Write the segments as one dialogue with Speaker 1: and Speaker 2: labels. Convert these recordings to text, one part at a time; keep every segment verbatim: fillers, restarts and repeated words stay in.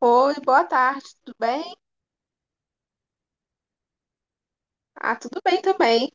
Speaker 1: Oi, boa tarde, tudo bem? Ah, tudo bem também.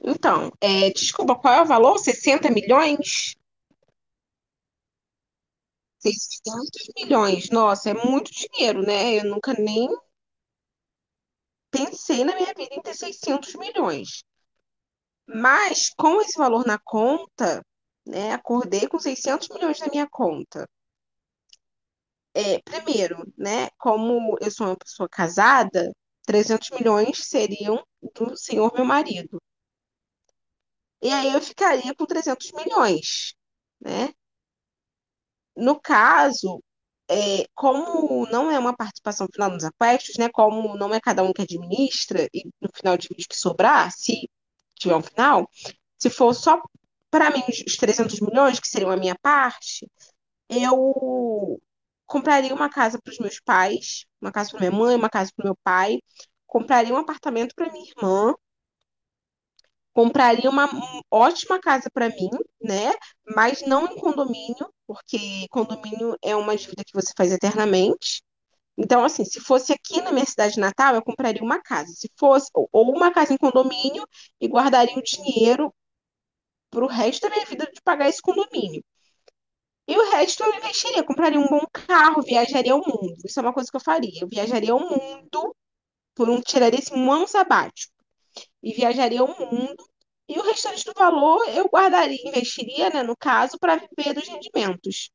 Speaker 1: Então, é, desculpa, qual é o valor? sessenta milhões? Seiscentos milhões. Nossa, é muito dinheiro, né? Eu nunca nem pensei na minha vida em ter seiscentos milhões. Mas, com esse valor na conta, né, acordei com seiscentos milhões na minha conta. É, primeiro, né, como eu sou uma pessoa casada, trezentos milhões seriam do senhor meu marido. E aí eu ficaria com trezentos milhões, né? No caso, é, como não é uma participação final nos aquestos, né? Como não é cada um que administra, e no final de vídeo que sobrar, se tiver um final, se for só para mim os trezentos milhões, que seriam a minha parte, eu compraria uma casa para os meus pais, uma casa para minha mãe, uma casa para o meu pai, compraria um apartamento para minha irmã, compraria uma um- ótima casa para mim, né? Mas não em condomínio, porque condomínio é uma dívida que você faz eternamente. Então, assim, se fosse aqui na minha cidade natal, eu compraria uma casa. Se fosse, ou ou uma casa em condomínio e guardaria o dinheiro para o resto da minha vida de pagar esse condomínio. E o resto eu investiria, compraria um bom carro, viajaria ao mundo. Isso é uma coisa que eu faria. Eu viajaria ao mundo por um, tiraria esse um ano sabático e viajaria ao mundo. E o restante do valor eu guardaria, investiria, né, no caso, para viver dos rendimentos.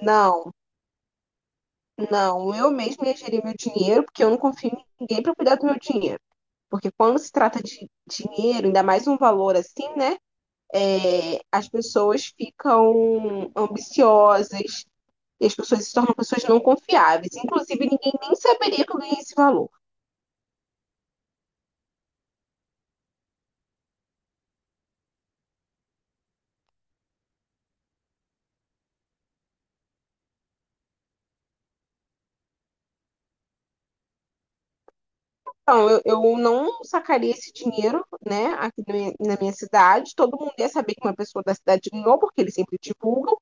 Speaker 1: Não, não, eu mesma ia gerir meu dinheiro, porque eu não confio em ninguém para cuidar do meu dinheiro. Porque quando se trata de dinheiro, ainda mais um valor assim, né? É, as pessoas ficam ambiciosas e as pessoas se tornam pessoas não confiáveis. Inclusive, ninguém nem saberia que eu ganhei esse valor. Então, eu, eu não sacaria esse dinheiro, né, aqui na minha, na minha cidade. Todo mundo ia saber que uma pessoa da cidade ganhou, porque eles sempre divulgam,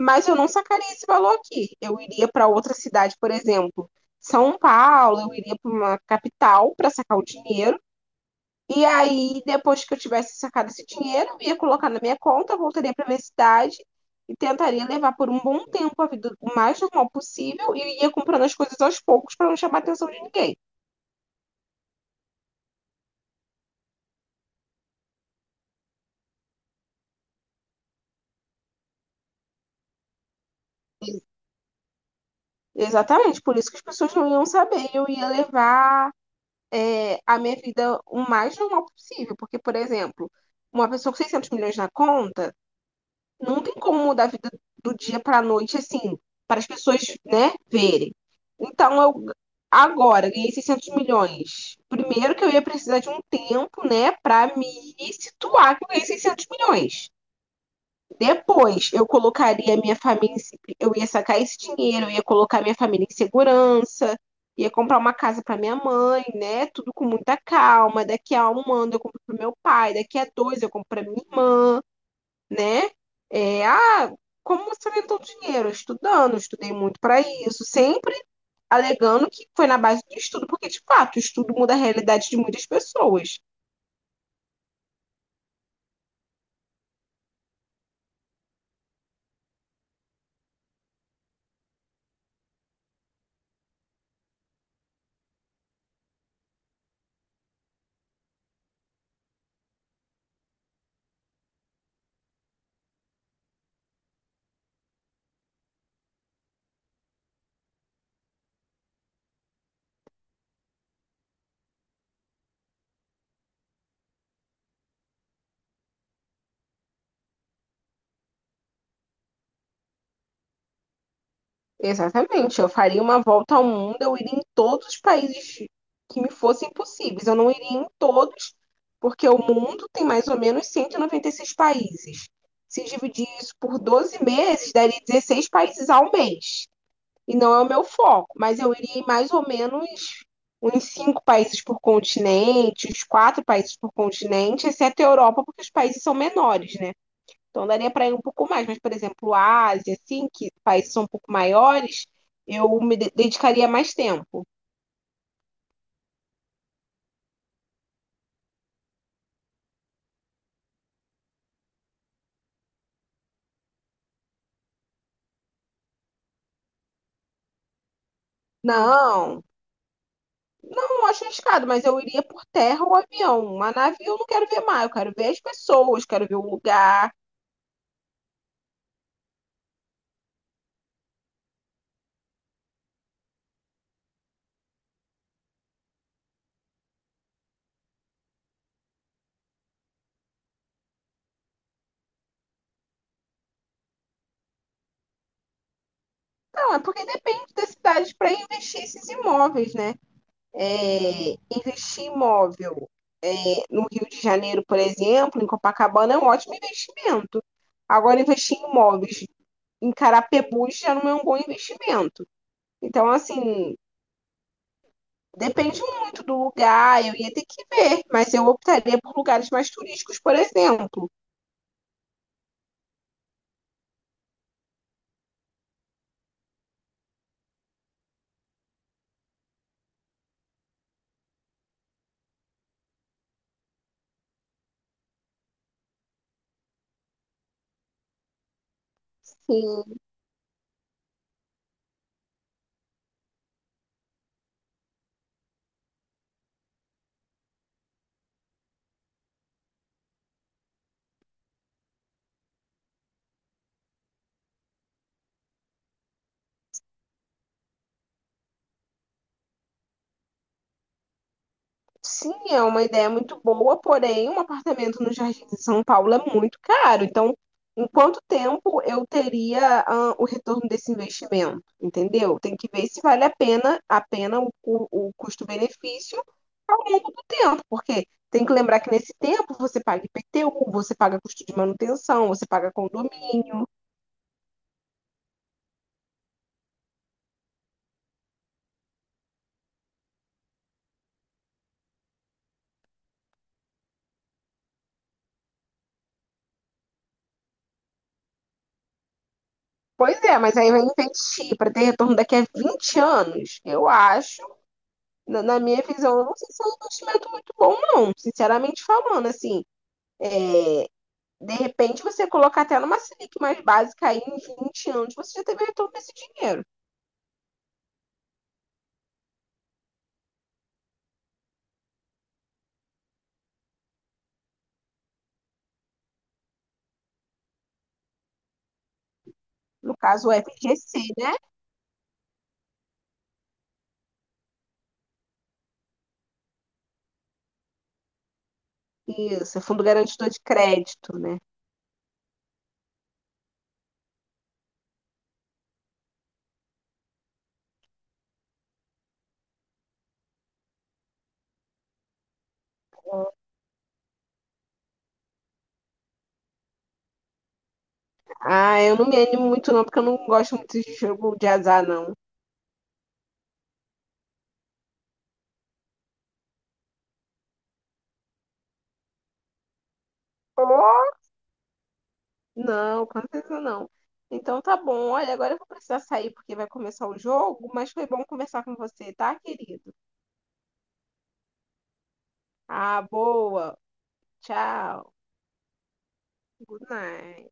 Speaker 1: mas eu não sacaria esse valor aqui. Eu iria para outra cidade, por exemplo, São Paulo, eu iria para uma capital para sacar o dinheiro. E aí, depois que eu tivesse sacado esse dinheiro, eu ia colocar na minha conta, voltaria para minha cidade e tentaria levar por um bom tempo a vida o mais normal possível e ia comprando as coisas aos poucos para não chamar a atenção de ninguém. Exatamente, por isso que as pessoas não iam saber. Eu ia levar é, a minha vida o mais normal possível. Porque, por exemplo, uma pessoa com seiscentos milhões na conta, não tem como mudar a vida do dia para a noite, assim, para as pessoas, né, verem. Então, eu agora ganhei seiscentos milhões. Primeiro que eu ia precisar de um tempo, né, para me situar que eu ganhei seiscentos milhões. Depois, eu colocaria a minha família, em se- eu ia sacar esse dinheiro, eu ia colocar minha família em segurança, ia comprar uma casa para minha mãe, né? Tudo com muita calma. Daqui a um ano eu compro pro meu pai, daqui a dois eu compro para minha irmã, né? É, ah, como você inventou dinheiro? Estudando, eu estudei muito para isso, sempre alegando que foi na base do estudo, porque de fato, o estudo muda a realidade de muitas pessoas. Exatamente, eu faria uma volta ao mundo, eu iria em todos os países que me fossem possíveis. Eu não iria em todos, porque o mundo tem mais ou menos cento e e noventa e seis países. Se dividir isso por doze meses, daria dezesseis países ao mês. E não é o meu foco, mas eu iria em mais ou menos uns cinco países por continente, uns quatro países por continente, exceto a Europa, porque os países são menores, né? Então daria para ir um pouco mais, mas, por exemplo, a Ásia, assim, que países são um pouco maiores, eu me de- dedicaria mais tempo. Não, eu não acho arriscado, mas eu iria por terra ou avião. Uma nave eu não quero ver mais, eu quero ver as pessoas, quero ver o lugar. Não, é porque depende das cidades para investir esses imóveis, né? É, investir em imóvel é, no Rio de Janeiro, por exemplo, em Copacabana, é um ótimo investimento. Agora, investir em imóveis em Carapebus já não é um bom investimento. Então, assim, depende muito do lugar, eu ia ter que ver, mas eu optaria por lugares mais turísticos, por exemplo. Sim, sim, é uma ideia muito boa, porém, um apartamento no Jardim de São Paulo é muito caro. Então, em quanto tempo eu teria, ah, o retorno desse investimento? Entendeu? Tem que ver se vale a pena, a pena o, o o custo-benefício ao longo do tempo, porque tem que lembrar que nesse tempo você paga I P T U, você paga custo de manutenção, você paga condomínio. Pois é, mas aí vai investir para ter retorno daqui a vinte anos. Eu acho, na, na minha visão, eu não sei se é um investimento muito bom, não. Sinceramente falando, assim, é, de repente você colocar até numa Selic mais básica aí em vinte anos, você já teve retorno desse dinheiro. No caso, o F G C, né? Isso, é Fundo Garantidor de Crédito, né? Ah, eu não me animo muito não, porque eu não gosto muito de jogo de azar, não. Ou não, com certeza não. Então tá bom. Olha, agora eu vou precisar sair porque vai começar o jogo, mas foi bom conversar com você, tá, querido? Ah, boa. Tchau. Good night.